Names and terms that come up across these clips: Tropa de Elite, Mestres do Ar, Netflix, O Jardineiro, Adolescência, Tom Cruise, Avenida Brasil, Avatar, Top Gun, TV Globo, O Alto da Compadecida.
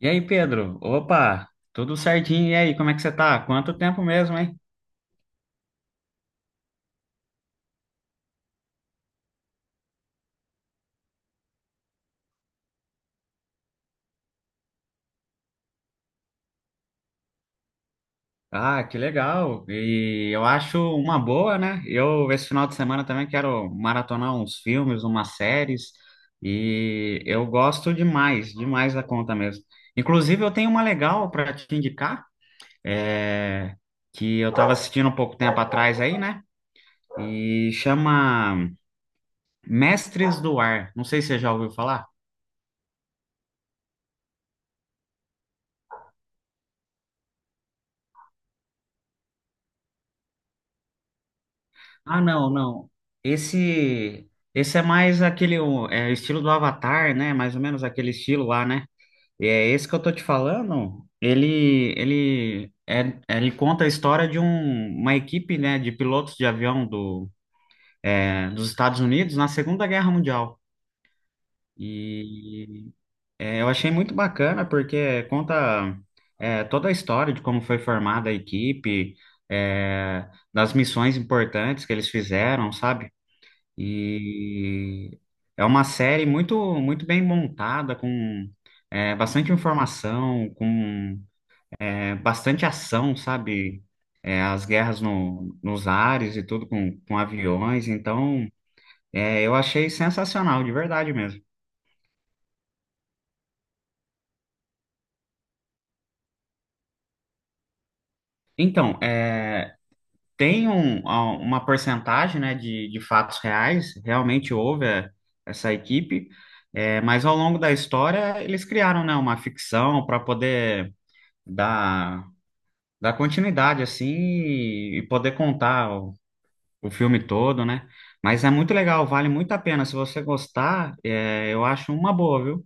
E aí, Pedro? Opa, tudo certinho. E aí, como é que você tá? Quanto tempo mesmo, hein? Ah, que legal. E eu acho uma boa, né? Esse final de semana também quero maratonar uns filmes, umas séries. E eu gosto demais, demais da conta mesmo. Inclusive, eu tenho uma legal para te indicar, é, que eu tava assistindo um pouco tempo atrás aí, né? E chama Mestres do Ar. Não sei se você já ouviu falar. Ah, não. Esse, esse é mais aquele estilo do Avatar, né? Mais ou menos aquele estilo lá, né? E é esse que eu tô te falando. Ele conta a história de uma equipe, né, de pilotos de avião dos Estados Unidos na Segunda Guerra Mundial. E eu achei muito bacana porque conta toda a história de como foi formada a equipe, é, das missões importantes que eles fizeram, sabe? E é uma série muito, muito bem montada, com bastante informação, com bastante ação, sabe? É, as guerras no, nos ares e tudo com aviões. Então, eu achei sensacional, de verdade mesmo. Então, é, tem uma porcentagem, né, de fatos reais, realmente houve é, essa equipe, é, mas ao longo da história eles criaram, né, uma ficção para poder dar, dar continuidade assim e poder contar o filme todo, né? Mas é muito legal, vale muito a pena. Se você gostar, é, eu acho uma boa, viu?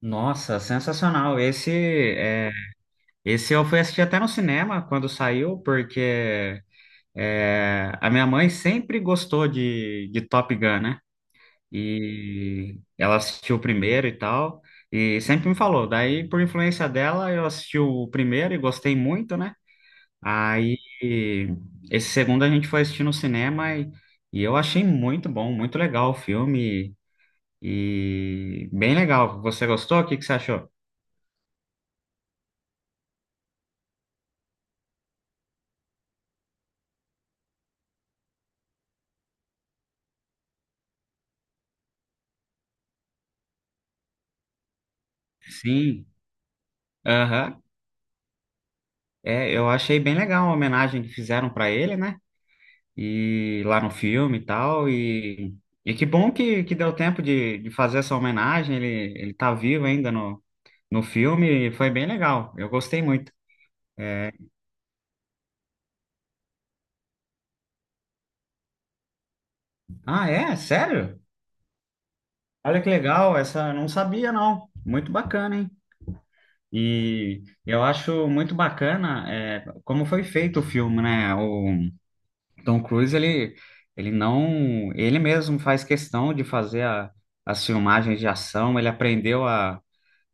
Nossa, sensacional. É, esse eu fui assistir até no cinema quando saiu, porque é, a minha mãe sempre gostou de Top Gun, né? E ela assistiu o primeiro e tal, e sempre me falou. Daí, por influência dela, eu assisti o primeiro e gostei muito, né? Aí, esse segundo a gente foi assistir no cinema e eu achei muito bom, muito legal o filme e bem legal. Você gostou? O que que você achou? Sim, aham. É, eu achei bem legal a homenagem que fizeram para ele, né? E lá no filme e tal. E que bom que deu tempo de fazer essa homenagem. Ele tá vivo ainda no filme e foi bem legal. Eu gostei muito. É. Ah, é? Sério? Olha que legal, essa não sabia não. Muito bacana, hein? E eu acho muito bacana é, como foi feito o filme, né? O Tom Cruise, ele não, ele mesmo faz questão de fazer as filmagens de ação, ele aprendeu a,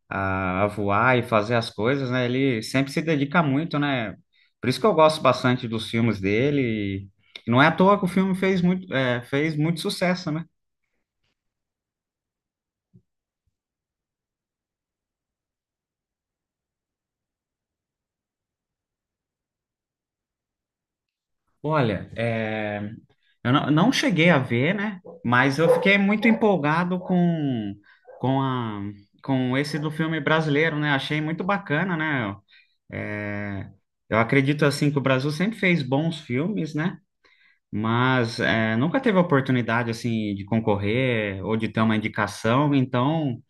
a, a voar e fazer as coisas, né? Ele sempre se dedica muito, né? Por isso que eu gosto bastante dos filmes dele. E não é à toa que o filme fez muito, é, fez muito sucesso, né? Olha, é. Eu não, não cheguei a ver, né? Mas eu fiquei muito empolgado com, a, com esse do filme brasileiro, né? Achei muito bacana, né? É, eu acredito, assim, que o Brasil sempre fez bons filmes, né? Mas é, nunca teve a oportunidade, assim, de concorrer ou de ter uma indicação. Então,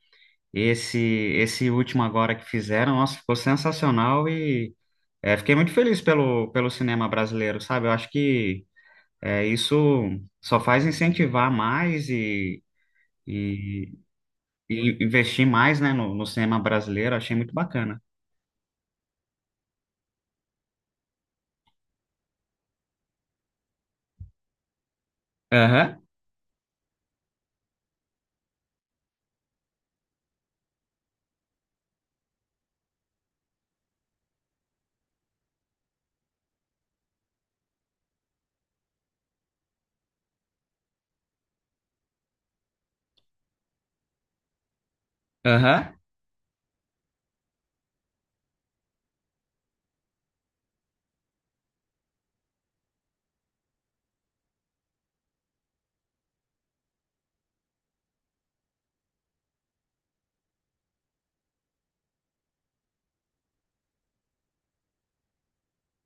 esse último agora que fizeram, nossa, ficou sensacional e é, fiquei muito feliz pelo cinema brasileiro, sabe? Eu acho que é, isso só faz incentivar mais e, e investir mais, né, no cinema brasileiro. Achei muito bacana. Aham, aham,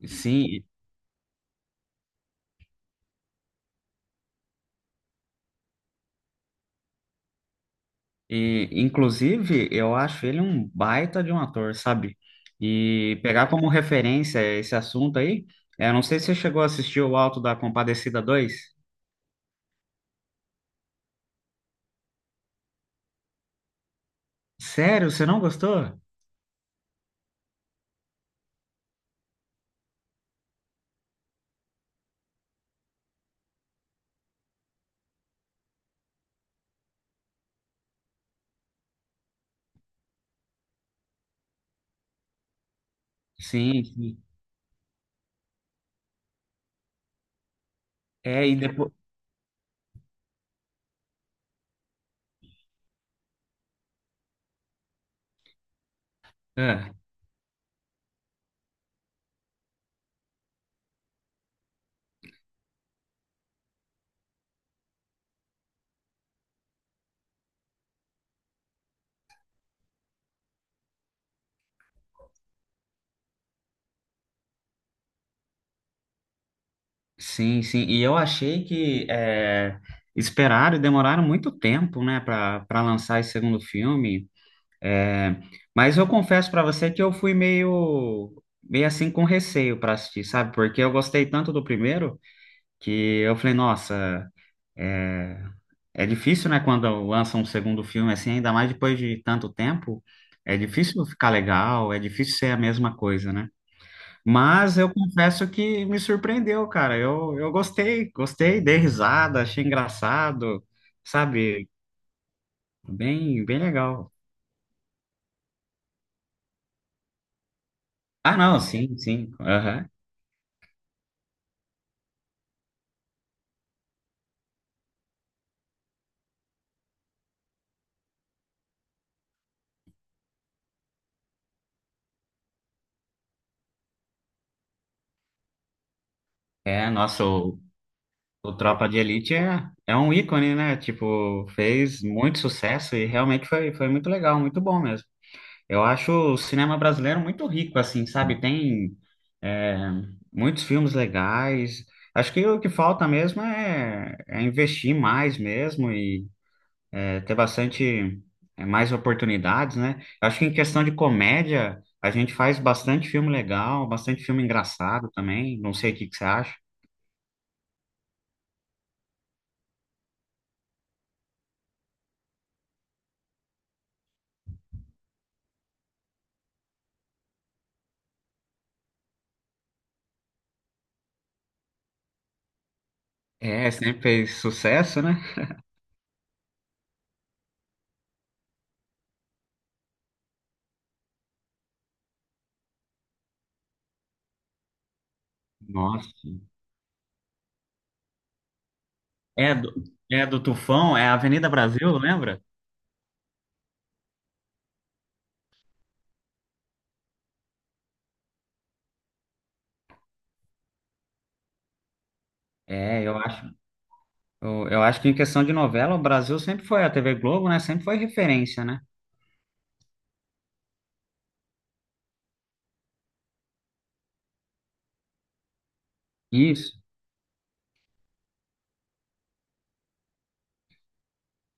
sim. E, inclusive, eu acho ele um baita de um ator, sabe? E pegar como referência esse assunto aí, eu não sei se você chegou a assistir O Alto da Compadecida dois. Sério, você não gostou? Sim, sim. É, e depois. Sim, sim. E eu achei que é, esperaram e demoraram muito tempo, né, para para lançar esse segundo filme. É, mas eu confesso para você que eu fui meio assim com receio para assistir, sabe? Porque eu gostei tanto do primeiro que eu falei, nossa, é, é difícil, né, quando lança um segundo filme assim, ainda mais depois de tanto tempo. É difícil ficar legal, é difícil ser a mesma coisa, né? Mas eu confesso que me surpreendeu, cara. Eu gostei, gostei, dei risada, achei engraçado, sabe? Bem, bem legal. Ah, não, sim, sim. Aham. É, nosso, o Tropa de Elite é um ícone, né? Tipo, fez muito sucesso e realmente foi, foi muito legal, muito bom mesmo. Eu acho o cinema brasileiro muito rico, assim, sabe? Tem, é, muitos filmes legais. Acho que o que falta mesmo é investir mais mesmo. É, ter bastante é, mais oportunidades, né? Eu acho que em questão de comédia, a gente faz bastante filme legal, bastante filme engraçado também. Não sei o que que você acha. É, sempre fez sucesso, né? Nossa. É do, é do Tufão, é Avenida Brasil, lembra? É, eu acho, eu acho que em questão de novela, o Brasil sempre foi a TV Globo, né? Sempre foi referência, né? Isso.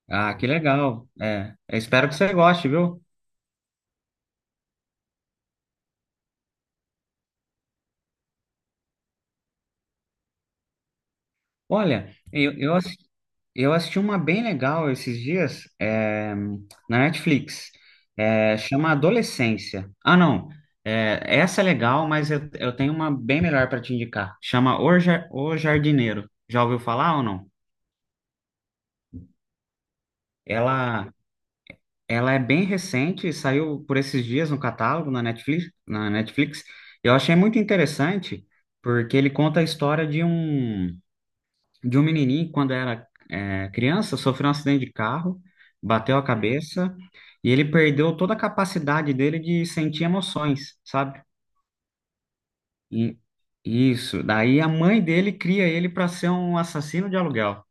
Ah, que legal. É, eu espero que você goste, viu? Olha, eu assisti uma bem legal esses dias, é, na Netflix. É, chama Adolescência. Ah, não. É, essa é legal, mas eu tenho uma bem melhor para te indicar. Chama O Jardineiro. Já ouviu falar ou não? Ela, ela é bem recente, saiu por esses dias no catálogo na Netflix. Eu achei muito interessante, porque ele conta a história de um. De um menininho, quando era é, criança, sofreu um acidente de carro, bateu a cabeça e ele perdeu toda a capacidade dele de sentir emoções, sabe? E- isso. Daí a mãe dele cria ele para ser um assassino de aluguel.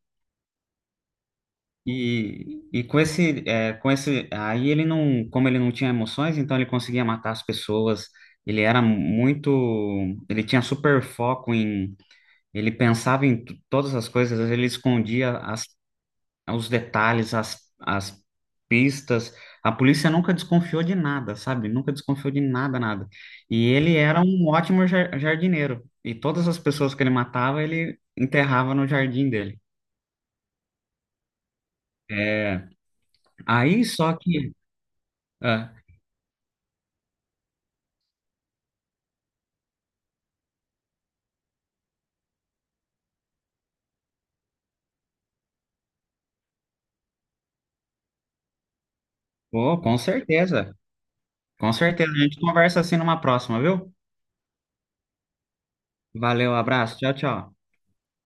Com esse, aí ele não, como ele não tinha emoções, então ele conseguia matar as pessoas. Ele era muito, ele tinha super foco em, ele pensava em todas as coisas, ele escondia as os detalhes, as, as pistas. A polícia nunca desconfiou de nada, sabe? Nunca desconfiou de nada, nada. E ele era um ótimo jardineiro. E todas as pessoas que ele matava, ele enterrava no jardim dele. É, aí só que. Ah, pô, com certeza. Com certeza. A gente conversa assim numa próxima, viu? Valeu, abraço. Tchau, tchau.